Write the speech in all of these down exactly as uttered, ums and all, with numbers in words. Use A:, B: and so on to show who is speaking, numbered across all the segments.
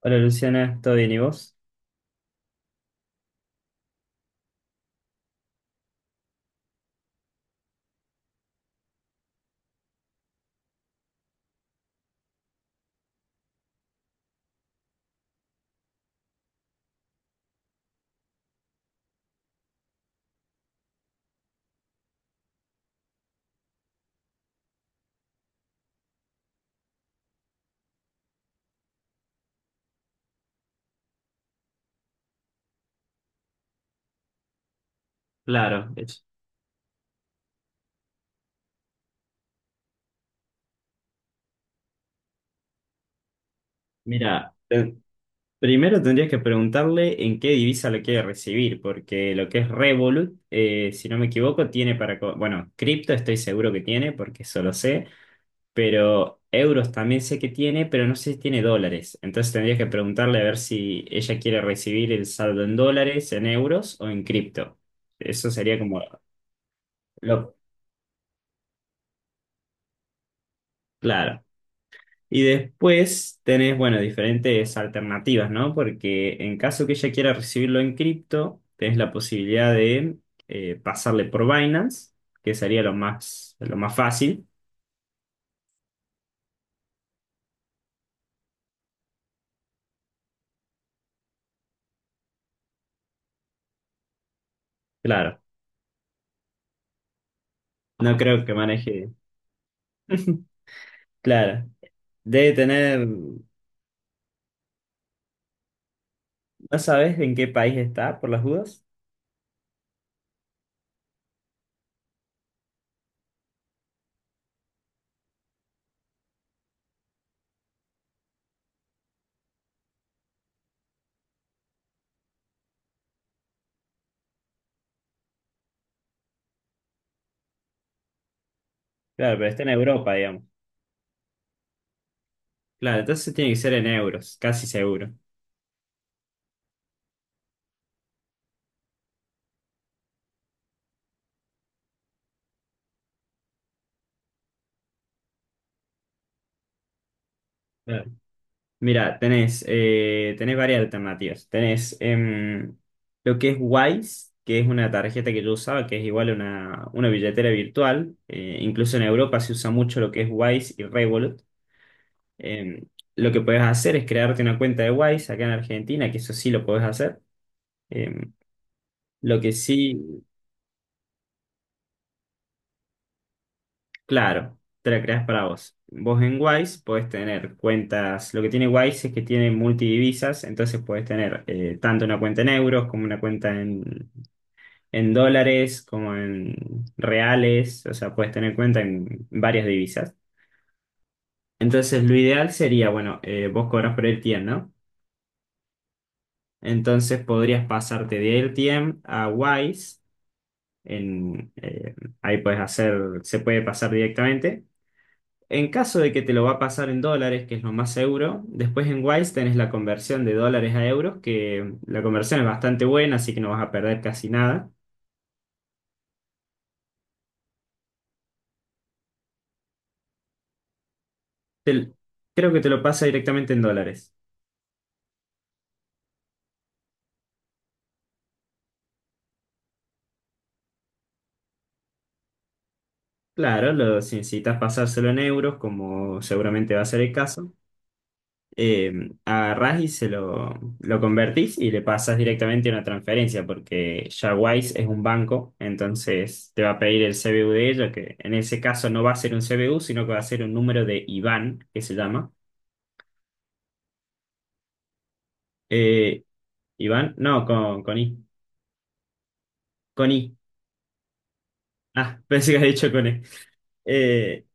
A: Hola Luciana, ¿todo bien y vos? Claro, es- mira, eh, primero tendrías que preguntarle en qué divisa lo quiere recibir, porque lo que es Revolut, eh, si no me equivoco, tiene para, co- bueno, cripto estoy seguro que tiene, porque eso lo sé, pero euros también sé que tiene, pero no sé si tiene dólares. Entonces tendrías que preguntarle a ver si ella quiere recibir el saldo en dólares, en euros o en cripto. Eso sería como lo claro. Y después tenés, bueno, diferentes alternativas, ¿no? Porque en caso que ella quiera recibirlo en cripto, tenés la posibilidad de eh, pasarle por Binance, que sería lo más, lo más fácil. Claro, no creo que maneje. Claro, debe tener. ¿No sabes en qué país está, por las dudas? Claro, pero está en Europa, digamos. Claro, entonces tiene que ser en euros, casi seguro. Mira, tenés, eh, tenés varias alternativas. Tenés em, lo que es Wise, que es una tarjeta que yo usaba, que es igual a una, una billetera virtual. Eh, incluso en Europa se usa mucho lo que es Wise y Revolut. Em, lo que podés hacer es crearte una cuenta de Wise acá en Argentina, que eso sí lo podés hacer. Em, lo que sí, claro, te la creás para vos. Vos en Wise podés tener cuentas, lo que tiene Wise es que tiene multidivisas, entonces podés tener eh, tanto una cuenta en euros como una cuenta en, en dólares como en reales, o sea, puedes tener cuenta en varias divisas. Entonces, lo ideal sería, bueno, eh, vos cobras por AirTM, ¿no? Entonces, podrías pasarte de AirTM a Wise. en, eh, Ahí puedes hacer, se puede pasar directamente. En caso de que te lo va a pasar en dólares, que es lo más seguro, después en Wise tenés la conversión de dólares a euros, que la conversión es bastante buena, así que no vas a perder casi nada. Te- Creo que te lo pasa directamente en dólares. Claro, los incitas a pasárselo en euros, como seguramente va a ser el caso. Eh, Agarrás y se lo, lo convertís y le pasas directamente una transferencia, porque ya Wise es un banco, entonces te va a pedir el C B U de ella, que en ese caso no va a ser un C B U, sino que va a ser un número de iban, que se llama. Eh, iban, no, con, con I. Con I. Ah, pensé que había dicho con E. Eh,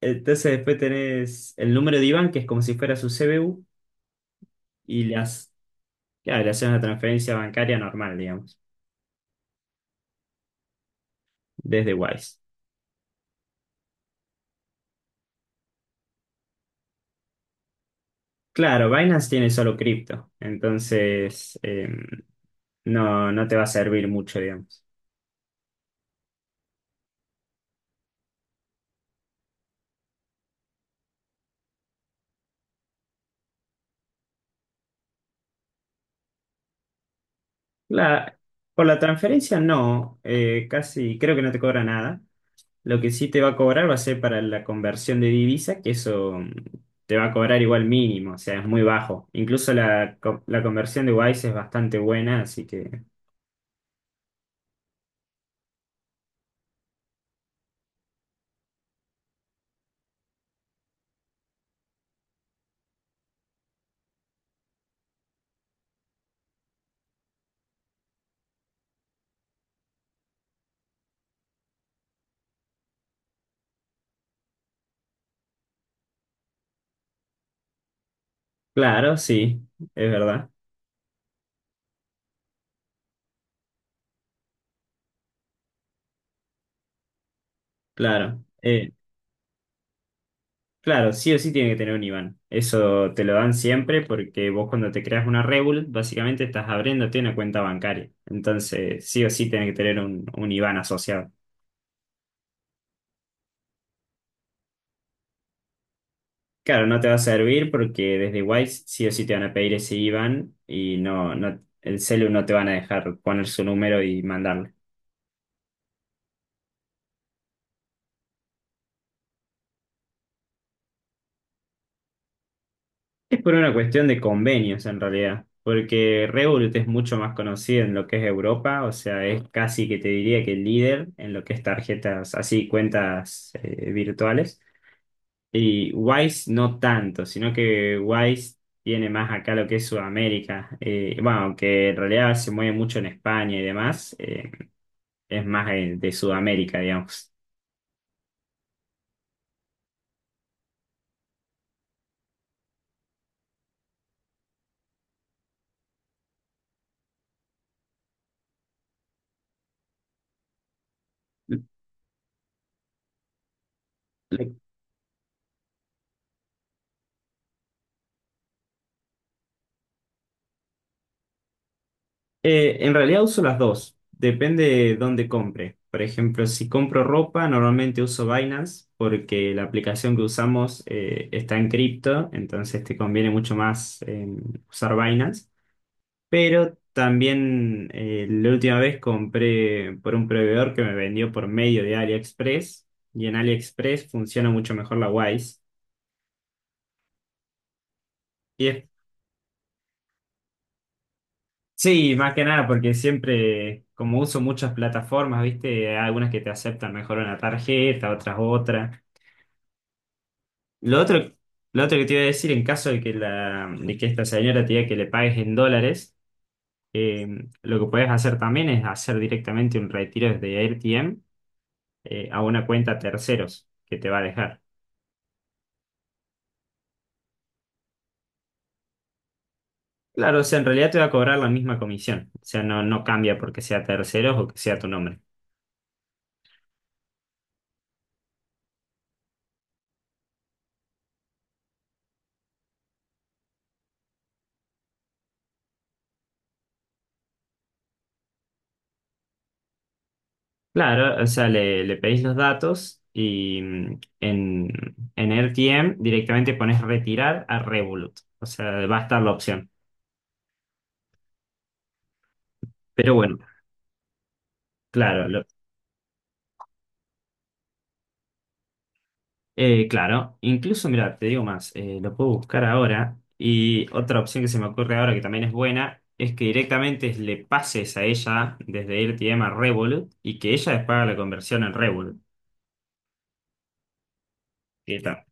A: entonces después tenés el número de iban, que es como si fuera su C B U, y las. Claro, hacer una transferencia bancaria normal, digamos, desde Wise. Claro, Binance tiene solo cripto, entonces eh, no, no te va a servir mucho, digamos. La, por la transferencia no, eh, casi creo que no te cobra nada. Lo que sí te va a cobrar va a ser para la conversión de divisa, que eso mm, te va a cobrar igual mínimo, o sea, es muy bajo. Incluso la, co- la conversión de Wise es bastante buena, así que, claro, sí, es verdad, claro. Eh, Claro, sí o sí tiene que tener un iban. Eso te lo dan siempre porque vos cuando te creas una Revolut, básicamente estás abriéndote una cuenta bancaria. Entonces, sí o sí tiene que tener un, un iban asociado. Claro, no te va a servir porque desde Wise sí o sí te van a pedir ese iban y no, no, el celu no te van a dejar poner su número y mandarlo. Es por una cuestión de convenios en realidad, porque Revolut es mucho más conocido en lo que es Europa, o sea, es casi que te diría que el líder en lo que es tarjetas, así cuentas eh, virtuales, y Wise no tanto, sino que Wise tiene más acá lo que es Sudamérica, eh, bueno, aunque en realidad se mueve mucho en España y demás, eh, es más eh, de Sudamérica, digamos. Eh, en realidad uso las dos, depende de dónde compre. Por ejemplo, si compro ropa, normalmente uso Binance porque la aplicación que usamos eh, está en cripto, entonces te conviene mucho más eh, usar Binance. Pero también eh, la última vez compré por un proveedor que me vendió por medio de AliExpress y en AliExpress funciona mucho mejor la Wise. Y sí, más que nada, porque siempre, como uso muchas plataformas, ¿viste? Hay algunas que te aceptan mejor una tarjeta, otras otra. Lo otro, lo otro que te iba a decir, en caso de que, la, de que esta señora te diga que le pagues en dólares, eh, lo que puedes hacer también es hacer directamente un retiro desde AirTM eh, a una cuenta terceros que te va a dejar. Claro, o sea, en realidad te va a cobrar la misma comisión. O sea, no, no cambia porque sea terceros o que sea tu nombre. Claro, o sea, le, le pedís los datos y mm, en, en, R T M directamente pones retirar a Revolut. O sea, va a estar la opción. Pero bueno, claro, lo- eh, claro. Incluso, mira, te digo más, eh, lo puedo buscar ahora. Y otra opción que se me ocurre ahora que también es buena es que directamente le pases a ella desde R T M a Revolut y que ella les haga la conversión en Revolut. ¿Qué tal?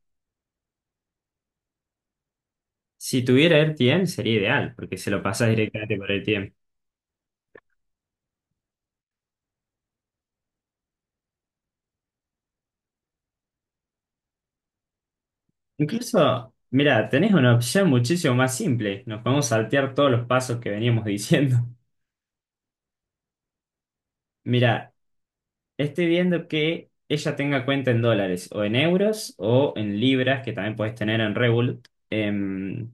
A: Si tuviera R T M sería ideal, porque se lo pasas directamente por R T M. Incluso, mira, tenés una opción muchísimo más simple. Nos podemos saltear todos los pasos que veníamos diciendo. Mira, estoy viendo que ella tenga cuenta en dólares o en euros o en libras, que también puedes tener en Revolut. Em,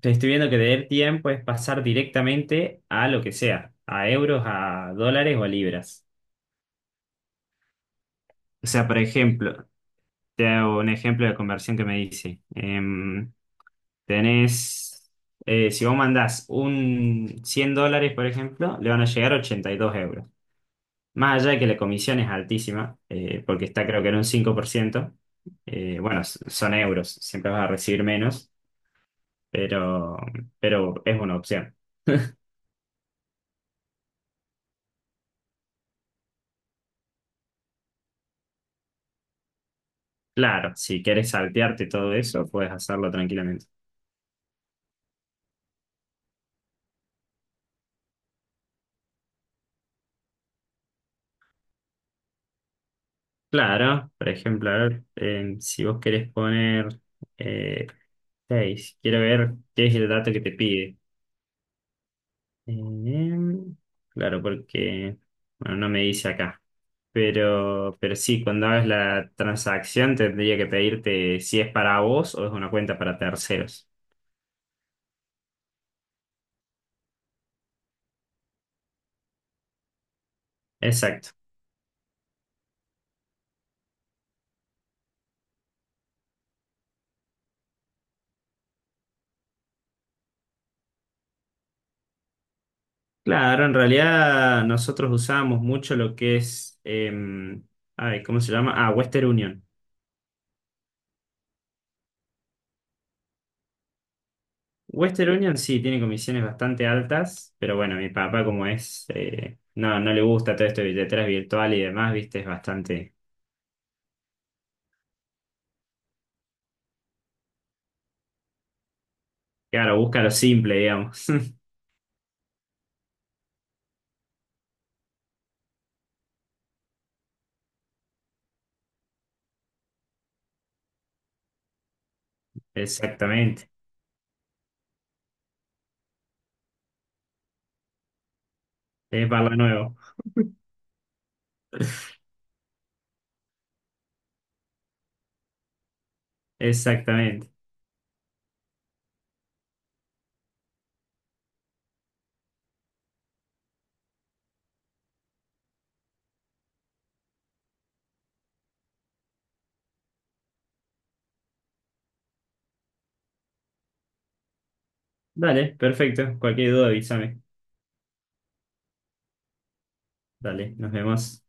A: Te estoy viendo que de tiempo es pasar directamente a lo que sea, a euros, a dólares o a libras. O sea, por ejemplo, te hago un ejemplo de conversión que me dice. Tenés, eh, si vos mandás un cien dólares, por ejemplo, le van a llegar ochenta y dos euros. Más allá de que la comisión es altísima, eh, porque está creo que en un cinco por ciento, eh, bueno, s- son euros, siempre vas a recibir menos, pero, pero es una opción. Claro, si quieres saltearte todo eso, puedes hacerlo tranquilamente. Claro, por ejemplo, a ver, em, si vos querés poner eh, seis, quiero ver qué es el dato que te pide. Em, claro, porque, bueno, no me dice acá. Pero, pero sí, cuando hagas la transacción tendría que pedirte si es para vos o es una cuenta para terceros. Exacto. Claro, en realidad nosotros usábamos mucho lo que es, em, ay, ¿cómo se llama? Ah, Western Union. Western Union sí tiene comisiones bastante altas, pero bueno, mi papá como es, eh, no, no le gusta todo esto de billeteras virtual y demás, viste, es bastante, claro, busca lo simple, digamos. Exactamente. Es Barla Nuevo. Exactamente. Dale, perfecto. Cualquier duda avísame. Dale, nos vemos.